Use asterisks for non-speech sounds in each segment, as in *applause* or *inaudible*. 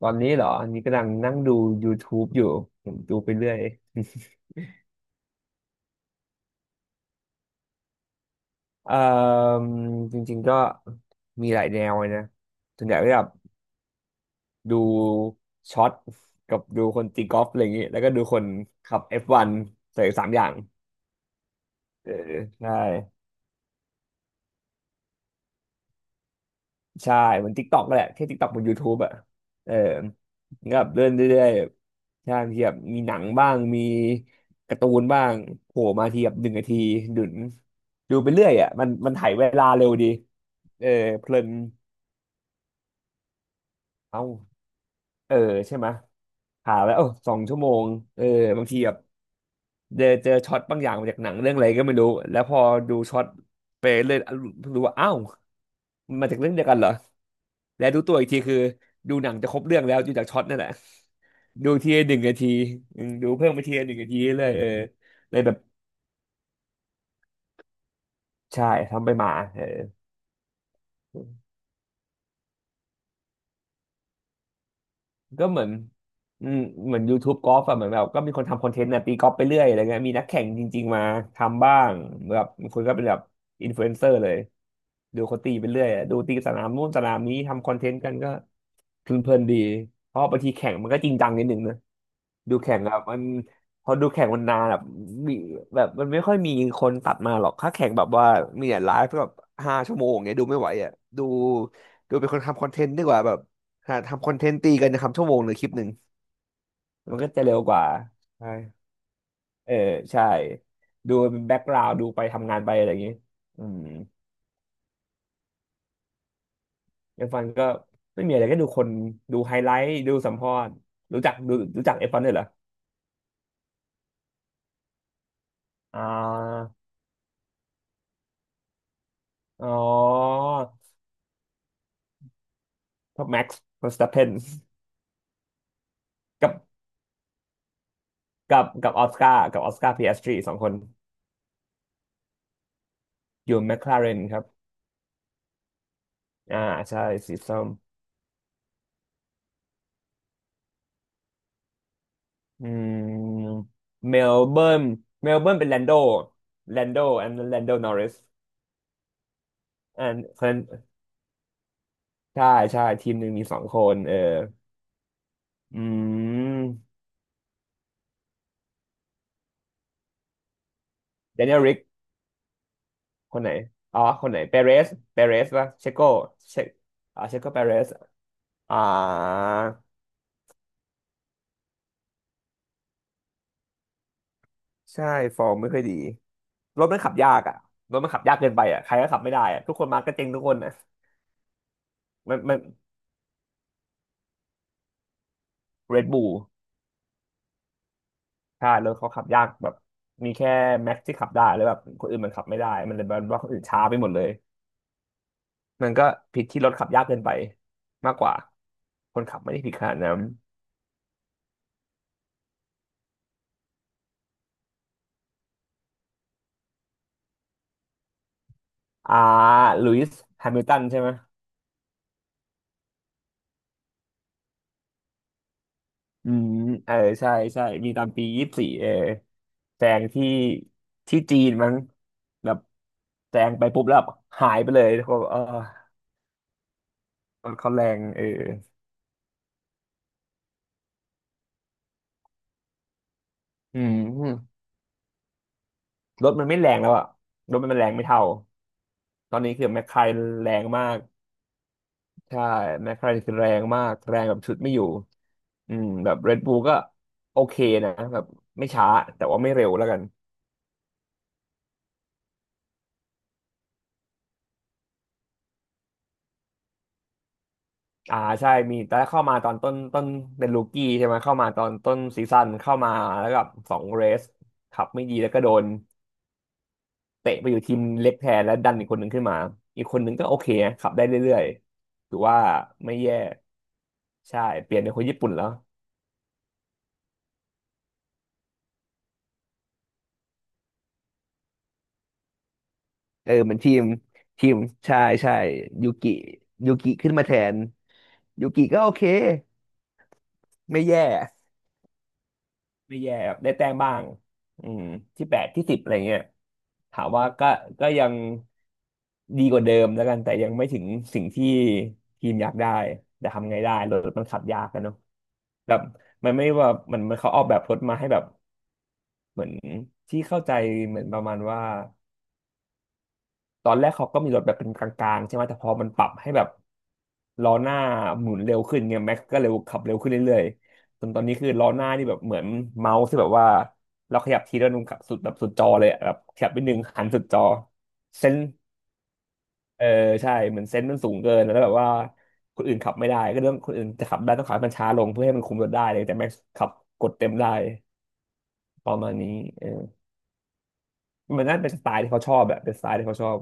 ตอนนี้เหรออันนี้กำลังนั่งดู YouTube อยู่ผมดูไปเรื่อยเอ่อจริงๆก็มีหลายแนวเลยนะส่วนใหญ่ก็แบบดูช็อตกับดูคนตีกอล์ฟอะไรอย่างงี้แล้วก็ดูคนขับ F1 ใส่สามอย่างเออใช่ ใช่เหมือน TikTok แหละแค่ TikTok บน YouTube อ่ะเออก็แบบเลื่อนเรื่อยๆใช่บางทีแบบมีหนังบ้างมีการ์ตูนบ้างโผล่มาทีแบบหนึ่งนาทีดุนดูไปเรื่อยอ่ะมันไถเวลาเร็วดีเออเพลินเอ้าเออใช่ไหมยหาแล้วเอ้าสองชั่วโมงเออบางทีแบบเจอช็อตบางอย่างมาจากหนังเรื่องอะไรก็ไม่รู้แล้วพอดูช็อตไปเรื่อยรู้ว่าอ้าวมันมาจากเรื่องเดียวกันเหรอแล้วดูตัวอีกทีคือดูหนังจะครบเรื่องแล้วดูจากช็อตนั่นแหละ ดูทีละหนึ่งนาทีอืมดูเพิ่มไปทีละหนึ่งนาทีเรื่อยๆเออเลยแบบใช่ทำไปมาเออก็เหมือนอืมเหมือน YouTube กอล์ฟอะเหมือนแบบก็มีคนทำคอนเทนต์นะตีกอล์ฟไปเรื่อยอะไรเงี้ยมีนักแข่งจริงๆมาทำบ้างแบบบางคนก็เป็นแบบอินฟลูเอนเซอร์เลยดูเขาตีไปเรื่อยอะดูตีสนามนู่นสนามนี้ทำคอนเทนต์กันก็ เพลินๆดีเพราะบางทีแข่งมันก็จริงจังนิดนึงนะดูแข่งแบบมันพอดูแข่งมันนานแบบมีแบบมันไม่ค่อยมีคนตัดมาหรอกถ้าแข่งแบบว่ามีแต่ไลฟ์แบบห้าชั่วโมงเงี้ยดูไม่ไหวอ่ะดูดูเป็นคนทำคอนเทนต์ดีกว่าแบบหาทำคอนเทนต์ตีกันทำชั่วโมงหรือคลิปหนึ่ง มันก็จะเร็วกว่าใช่เออใช่ดูเป็นแบ็กกราวด์ดูไปทำงานไปอะไรอย่างงี้อืมเอฟวันก็ไม่มีอะไรก็ดูคนดูไฮไลท์ดูสัมภาษณ์รู้จักดูรู้จักเอฟวันด้วยเหรอ อ่าอ๋อท็อปแม็กซ์เวอร์สตัปเพนกับกับกับออสการ์กับออสการ์พีเอสจีสองคนอยู่แมคลาเรนครับอ่าใช่สีส้มอืมเมลเบิร์นเมลเบิร์นเป็นแลนโดแลนโดอันแลนโดนอริสอันคนใช่ใช่ทีมหนึ่งมีสองคนเอออืมเดน i e ริกคนไหนอ๋อคนไหนเปเรสเปเรสป่ะเชโกเชอ่าเชโกเปเรสอ่า ใช่ฟอร์มไม่ค่อยดีรถมันขับยากอ่ะรถมันขับยากเกินไปอ่ะใครก็ขับไม่ได้อ่ะทุกคนมาก็เจ๊งทุกคนอ่ะมันเรดบูลใช่รถเขาขับยากแบบมีแค่แม็กที่ขับได้แล้วแบบคนอื่นมันขับไม่ได้มันเลยแบบว่าคนอื่นช้าไปหมดเลยมันก็ผิดที่รถขับยากเกินไปมากกว่าคนขับไม่ได้ผิดขนาดนั้นอ่าลุยส์แฮมิลตันใช่ไหม อืมเออใช่ใช่ มีตอนปี24เออแซงที่จีนมั้งแบบแซงไปปุ๊บแล้วแบบหายไปเลยเขาเออรถเขาแรงเอออืมรถมันไม่แรงแล้วอะรถมันแรงไม่เท่าตอนนี้คือแมคไครแรงมากใช่แมคไคาคือแรงมากแรงแบบชุดไม่อยู่อืมแบบเรดบู l ก็โอเคนะแบบไม่ช้าแต่ว่าไม่เร็วแล้วกัน อ่าใช่มีตอนแรกเข้ามาตอนต้นเป็นลูกี้ใช่ไหมเข้ามาตอนต้นซีซั่นเข้ามาแล้วกับสองเรสขับไม่ดีแล้วก็โดนเตะไปอยู่ทีมเล็กแทนแล้วดันอีกคนหนึ่งขึ้นมาอีกคนหนึ่งก็โอเคนะขับได้เรื่อยๆถือว่าไม่แย่ใช่เปลี่ยนเป็นคนญี่ปุ่นแล้วเออเหมือนทีมใช่ใช่ยูกิยูกิขึ้นมาแทนยูกิก็โอเคไม่แย่ไม่แย่ครับได้แต้มบ้างอืมที่แปดที่สิบอะไรเงี้ยถามว่าก็ก็ยัง ดีกว่าเดิมแล้วกันแต่ยังไม่ถึงสิ่งที่ทีมอยากได้แต่ทำไงได้รถมันขับยากกันเนาะแบบมันไม่ว่ามันเขาออกแบบรถมาให้แบบเหมือนที่เข้าใจเหมือนประมาณว่าตอนแรกเขาก็มีรถแบบเป็นกลางๆใช่ไหมแต่พอมันปรับให้แบบล้อหน้าหมุนเร็วขึ้นเงี้ยแม็กก็เร็วขับเร็วขึ้นเรื่อยๆจนตอนนี้คือล้อหน้านี่แบบเหมือนเมาส์ที่แบบว่าเราขยับทีละนุ่มกับสุดแบบสุดจอเลยอะแบบขยับไปหนึ่งหันสุดจอเส้น เออใช่เหมือนเซนส์มันสูงเกินแล้วแบบว่าคนอื่นขับไม่ได้ก็เรื่องคนอื่นจะขับได้ต้องขับให้มันช้าลงเพื่อให้มันคุมรถได้เลยแต่แม็กซ์ขับกดเต็มได้ประมาณนี้เออมันน่าเป็นสไตล์ที่เขาชอบแบบเป็นสไตล์ที่เขาชอบ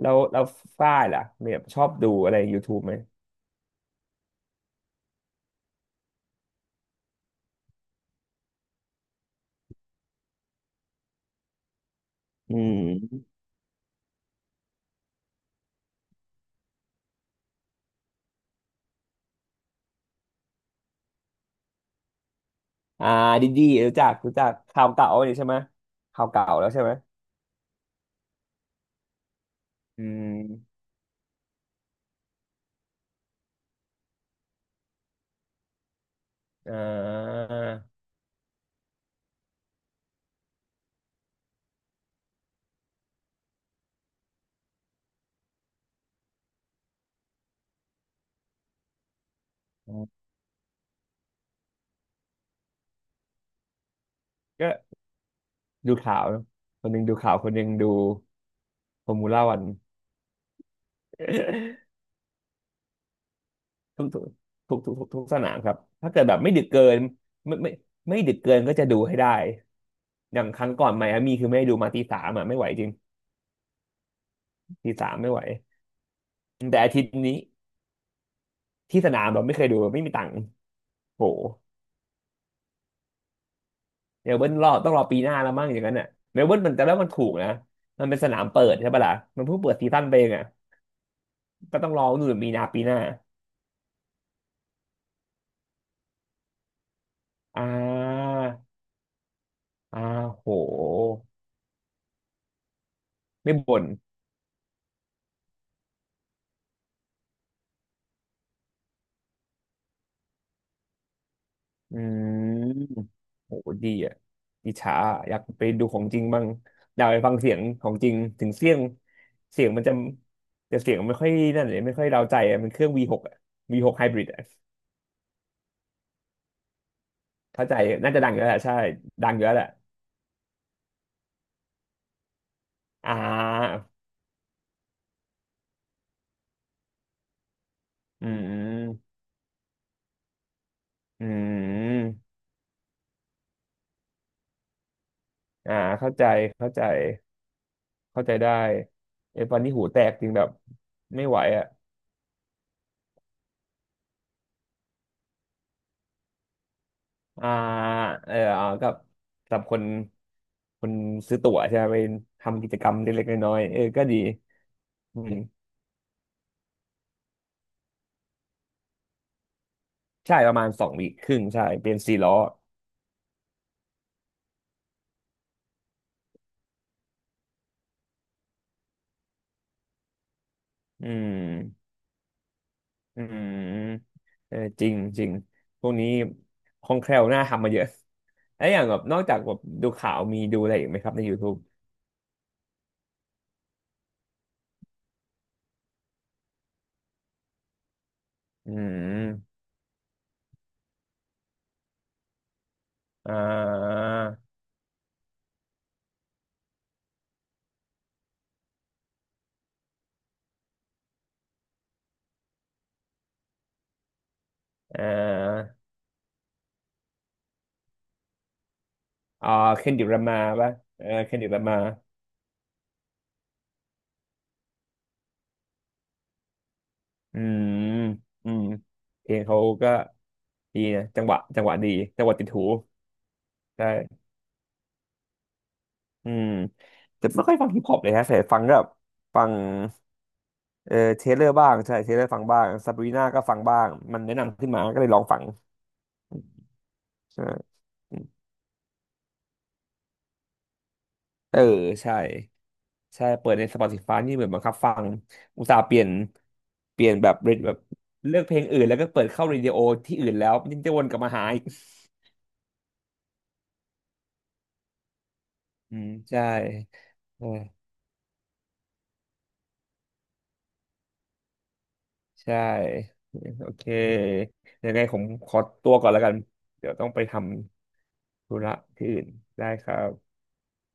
แล้วฝ้ายล่ะเนี่ยชอบดูอะไร YouTube ไหมอืมอ่าดีดีรู้จักข่าวเก่านี่ใช่ไหมข่าวเก่าแล้วใช่ไหมอืมอ่าก็ดูข่าวเนอะคนหนึ่งดูข่าวคนหนึ่งดูฟอร์มูล่าวัน ทุกทุกทุกสนามครับถ้าเกิดแบบไม่ดึกเกินไม่ไม่ดึกเกินก็จะดูให้ได้อย่างครั้งก่อนไมอามี่คือไม่ได้ดูมาตีสามอ่ะไม่ไหวจริงตีสามไม่ไหวแต่อาทิตย์นี้ที่สนามเราไม่เคยดูไม่มีตังค์โหเมลเบิร์นต้องรอปีหน้าแล้วมั้งอย่างนั้นอ่ะเมลเบิร์นมันแต่แล้วมันถูกนะมันเป็นสนามเปิดใช่ปะล่ะมันเพิ่งเปิดซีซั่นไปเองอ่ะก็ต้องรอนู่นมีนาปีหน้าอ่าอ่าโหไม่บ่น อืมโหดีอ่ะอิจฉาอะอยากไปดูของจริงบ้างอยากไปฟังเสียงของจริงถึงเสียง เสียงมันจะแต่เสียงมันไม่ค่อยนั่นเลยไม่ค่อยเราใจอะมันเครื่อง V6 อ่ะวีหกไฮบริดอ่ะเข้าใจน่าจะดังอยู่แล้วแหละใช่ดังอยู่แล้วแหละอ่าอืมอืมอ่าเข้าใจเข้าใจเข้าใจได้ไอ้ตอนนี้หูแตกจริงแบบไม่ไหวอ่ะ อ่าเออเอาก็สำหรับคนซื้อตั๋วใช่ไหมไปทำกิจกรรมเล็กๆน้อยๆเออก็ดีอืมใช่ประมาณสองวีคครึ่งใช่เป็นสี่ล้ออืมอืมเออจริงจริงพวกนี้คล่องแคล่วน่าทำมาเยอะ *laughs* แล้วอย่างแบบนอกจากแบบดูข่าวมีดูอะไรอีกไหมครับใน YouTube อืมอ่าเอ่ออ่าเคนดิรามาป่ะเออเคนดิรามาอืมอืมเพลงเขาก็ ดีนะจังหวะจังหวะดีจังหวะติดหูได้อืมแต่ไม่ค่อยฟังฮิปฮอปเลยฮะแต่ฟังก็แบบฟังเออเทเลอร์บ้างใช่เทเลอร์ฟังบ้างซาบรีนาก็ฟังบ้างมันแนะนำขึ้นมาก็เลยลองฟังใช่อืมเออใช่ใช่เปิดใน Spotify นี่เหมือนบังคับฟังอุตส่าห์เปลี่ยนแบบเรทแบบเลือกเพลงอื่นแล้วก็เปิดเข้าเรดิโอที่อื่นแล้วยังจะวนกลับมาหาอีกอืมใช่ ใช่โอเคยังไงผมขอตัวก่อนแล้วกันเดี๋ยวต้องไปทำธุระที่อื่นได้ครับ